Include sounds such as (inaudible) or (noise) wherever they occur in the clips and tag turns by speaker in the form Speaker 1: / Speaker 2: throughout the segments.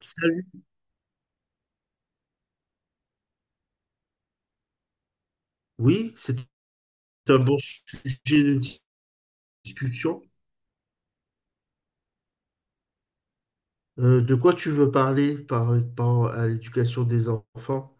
Speaker 1: Salut. Oui, c'est un bon sujet de discussion. De quoi tu veux parler par rapport à l'éducation des enfants?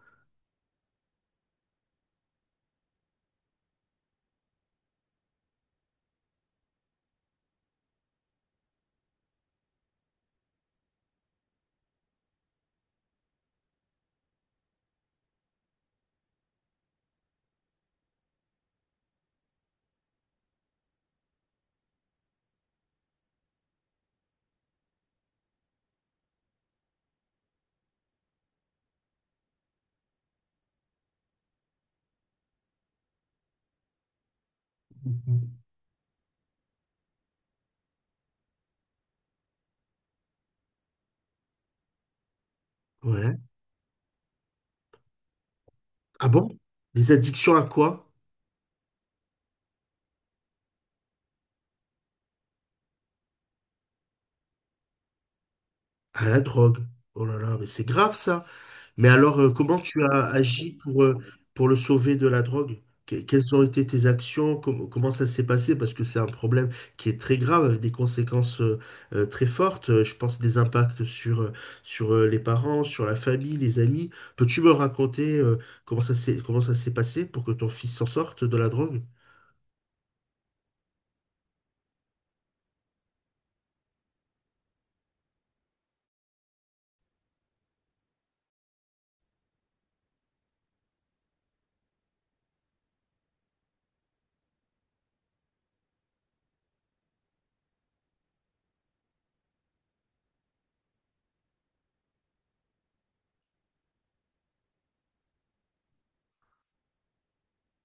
Speaker 1: Mhm. Ouais. Ah bon? Les addictions à quoi? À la drogue. Oh là là, mais c'est grave ça. Mais alors, comment tu as agi pour le sauver de la drogue? Quelles ont été tes actions? Comment ça s'est passé? Parce que c'est un problème qui est très grave, avec des conséquences très fortes. Je pense des impacts sur, sur les parents, sur la famille, les amis. Peux-tu me raconter comment ça s'est passé pour que ton fils s'en sorte de la drogue?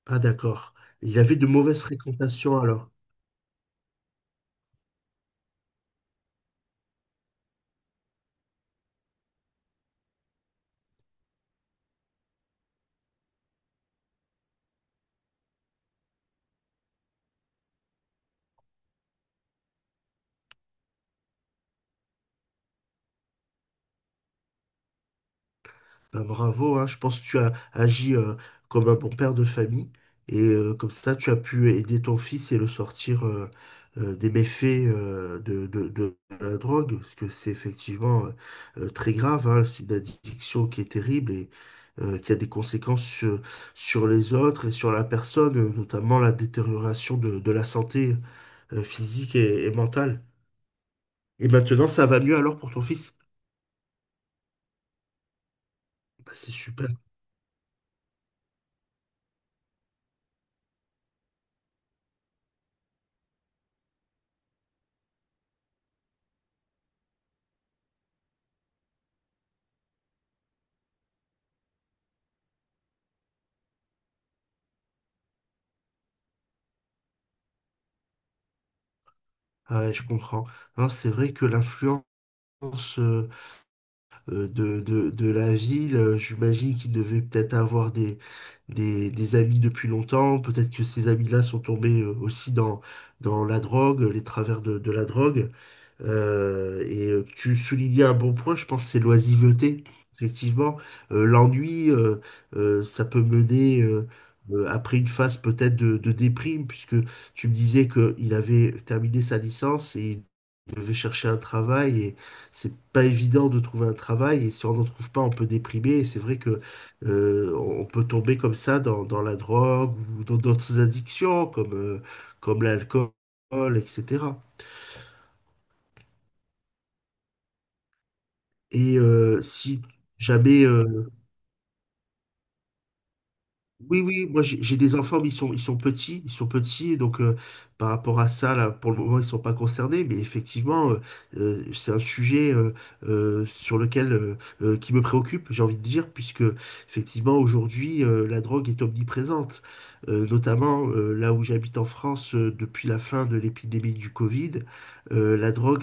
Speaker 1: Ah d'accord. Il avait de mauvaises fréquentations alors. Bah, bravo, hein. Je pense que tu as agi comme un bon père de famille et comme ça tu as pu aider ton fils et le sortir des méfaits de la drogue, parce que c'est effectivement très grave, hein, c'est une addiction qui est terrible et qui a des conséquences sur, sur les autres et sur la personne, notamment la détérioration de la santé physique et mentale. Et maintenant ça va mieux alors pour ton fils? Bah, c'est super. Ah ouais, je comprends. Hein, c'est vrai que l'influence sens, de la ville. J'imagine qu'il devait peut-être avoir des, des amis depuis longtemps. Peut-être que ces amis-là sont tombés aussi dans, dans la drogue, les travers de la drogue. Et tu soulignais un bon point, je pense, c'est l'oisiveté. Effectivement, l'ennui, ça peut mener après une phase peut-être de déprime, puisque tu me disais qu'il avait terminé sa licence et il devait chercher un travail, et c'est pas évident de trouver un travail, et si on n'en trouve pas, on peut déprimer, et c'est vrai que on peut tomber comme ça dans, dans la drogue ou dans d'autres addictions comme, comme l'alcool, etc. Et si jamais, Oui, oui, moi j'ai des enfants, mais ils sont petits, donc par rapport à ça, là, pour le moment, ils sont pas concernés, mais effectivement, c'est un sujet sur lequel qui me préoccupe, j'ai envie de dire, puisque effectivement aujourd'hui, la drogue est omniprésente. Notamment là où j'habite en France depuis la fin de l'épidémie du Covid, la drogue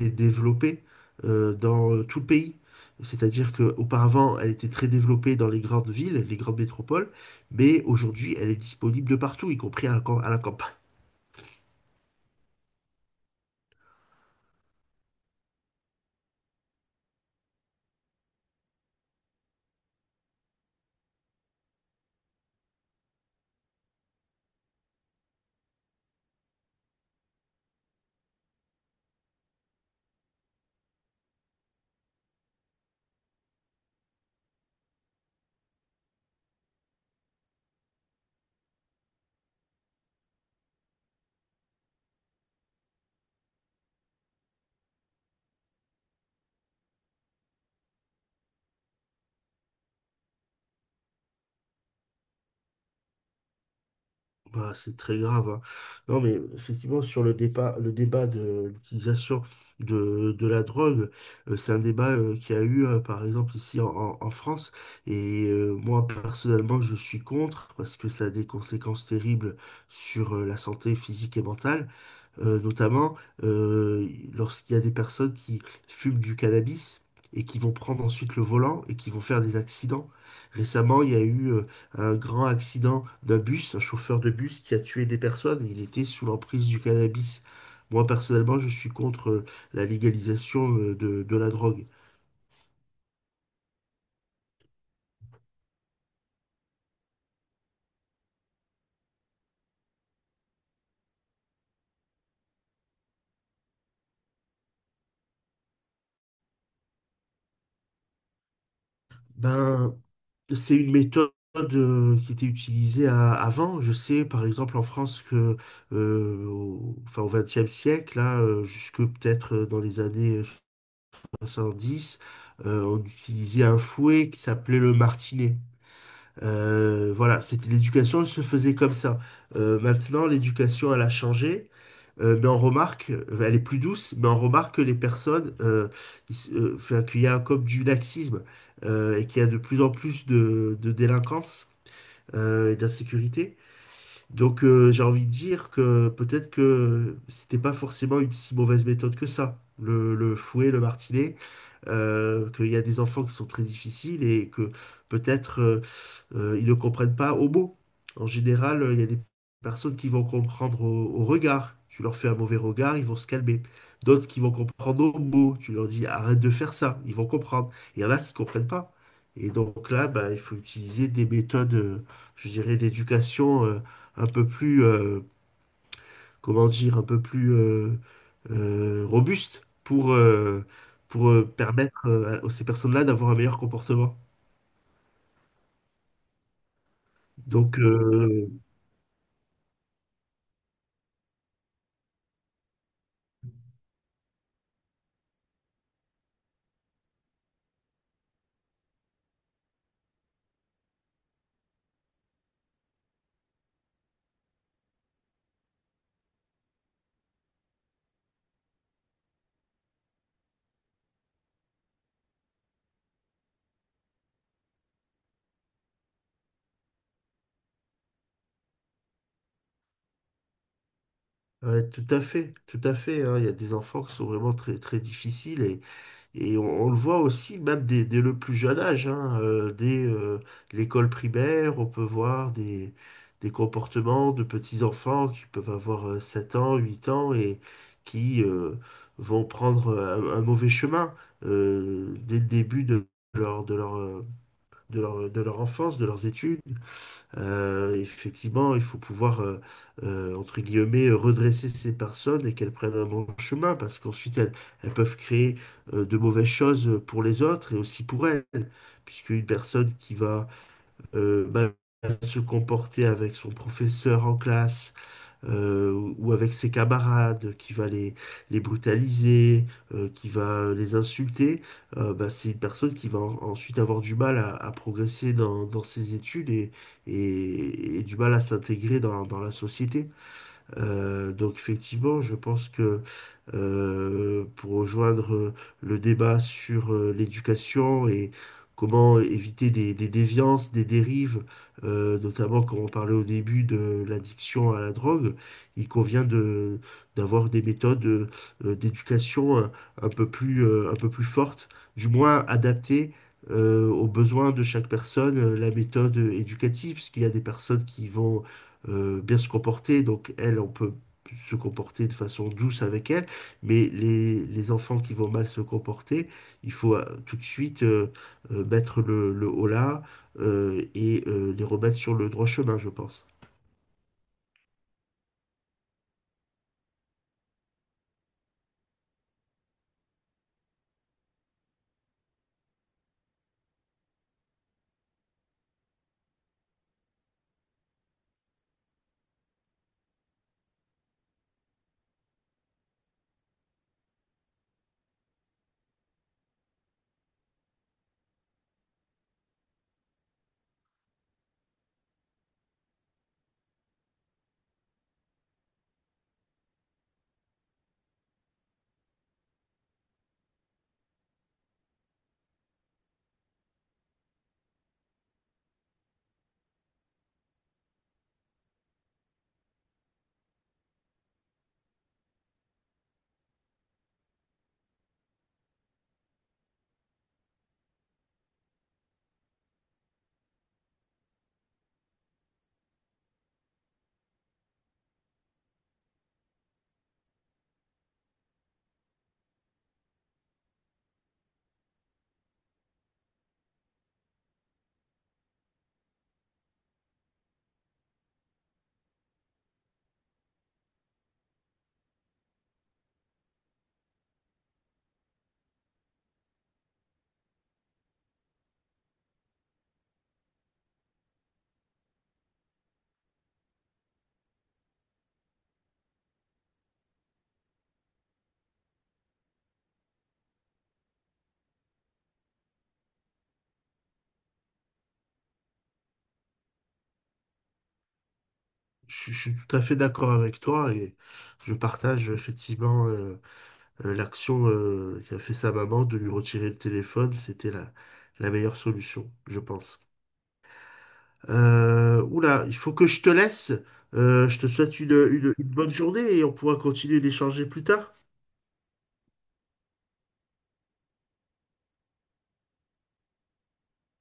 Speaker 1: est développée dans tout le pays. C'est-à-dire qu'auparavant, elle était très développée dans les grandes villes, les grandes métropoles, mais aujourd'hui, elle est disponible de partout, y compris à la, à la campagne. (laughs) Bah, c'est très grave, hein. Non, mais effectivement, sur le débat de l'utilisation de la drogue, c'est un débat qui a eu, par exemple, ici en, en France. Moi, personnellement, je suis contre parce que ça a des conséquences terribles sur la santé physique et mentale. Notamment lorsqu'il y a des personnes qui fument du cannabis et qui vont prendre ensuite le volant et qui vont faire des accidents. Récemment, il y a eu un grand accident d'un bus, un chauffeur de bus qui a tué des personnes. Il était sous l'emprise du cannabis. Moi, personnellement, je suis contre la légalisation de la drogue. Ben, c'est une méthode qui était utilisée avant. Je sais, par exemple, en France, que, au, enfin, au XXe siècle, là, jusque peut-être dans les années 70, on utilisait un fouet qui s'appelait le martinet. Voilà, c'était l'éducation, elle se faisait comme ça. Maintenant, l'éducation, elle a changé, mais on remarque, elle est plus douce, mais on remarque que les personnes, enfin, qu'il y a comme du laxisme et qu'il y a de plus en plus de délinquance et d'insécurité. Donc, j'ai envie de dire que peut-être que c'était pas forcément une si mauvaise méthode que ça, le fouet, le martinet, qu'il y a des enfants qui sont très difficiles et que peut-être ils ne comprennent pas au mot. En général, il y a des personnes qui vont comprendre au, au regard. Tu leur fais un mauvais regard, ils vont se calmer. D'autres qui vont comprendre au mot. Tu leur dis arrête de faire ça, ils vont comprendre. Il y en a qui ne comprennent pas. Et donc là, bah, il faut utiliser des méthodes, je dirais, d'éducation un peu plus, comment dire, un peu plus robustes pour permettre à ces personnes-là d'avoir un meilleur comportement. Donc, euh, Ouais, tout à fait, tout à fait, hein. Il y a des enfants qui sont vraiment très, très difficiles et on le voit aussi même dès, dès le plus jeune âge, hein, dès l'école primaire, on peut voir des comportements de petits-enfants qui peuvent avoir 7 ans, 8 ans et qui vont prendre un mauvais chemin dès le début de leur, de leur, de leur, de leur enfance, de leurs études. Effectivement, il faut pouvoir, entre guillemets, redresser ces personnes et qu'elles prennent un bon chemin, parce qu'ensuite, elles, elles peuvent créer de mauvaises choses pour les autres et aussi pour elles, puisqu'une personne qui va mal se comporter avec son professeur en classe, ou avec ses camarades, qui va les brutaliser, qui va les insulter, bah, c'est une personne qui va ensuite avoir du mal à progresser dans, dans ses études et et du mal à s'intégrer dans, dans la société. Donc effectivement, je pense que pour rejoindre le débat sur l'éducation et comment éviter des déviances, des dérives, notamment comme on parlait au début de l'addiction à la drogue. Il convient de, d'avoir des méthodes d'éducation un peu plus fortes, du moins adaptées aux besoins de chaque personne, la méthode éducative, parce qu'il y a des personnes qui vont bien se comporter, donc elles, on peut se comporter de façon douce avec elles. Mais les enfants qui vont mal se comporter, il faut tout de suite mettre le holà et les remettre sur le droit chemin, je pense. Je suis tout à fait d'accord avec toi et je partage effectivement l'action qu'a fait sa maman de lui retirer le téléphone. C'était la, la meilleure solution, je pense. Oula, il faut que je te laisse. Je te souhaite une, une bonne journée et on pourra continuer d'échanger plus tard.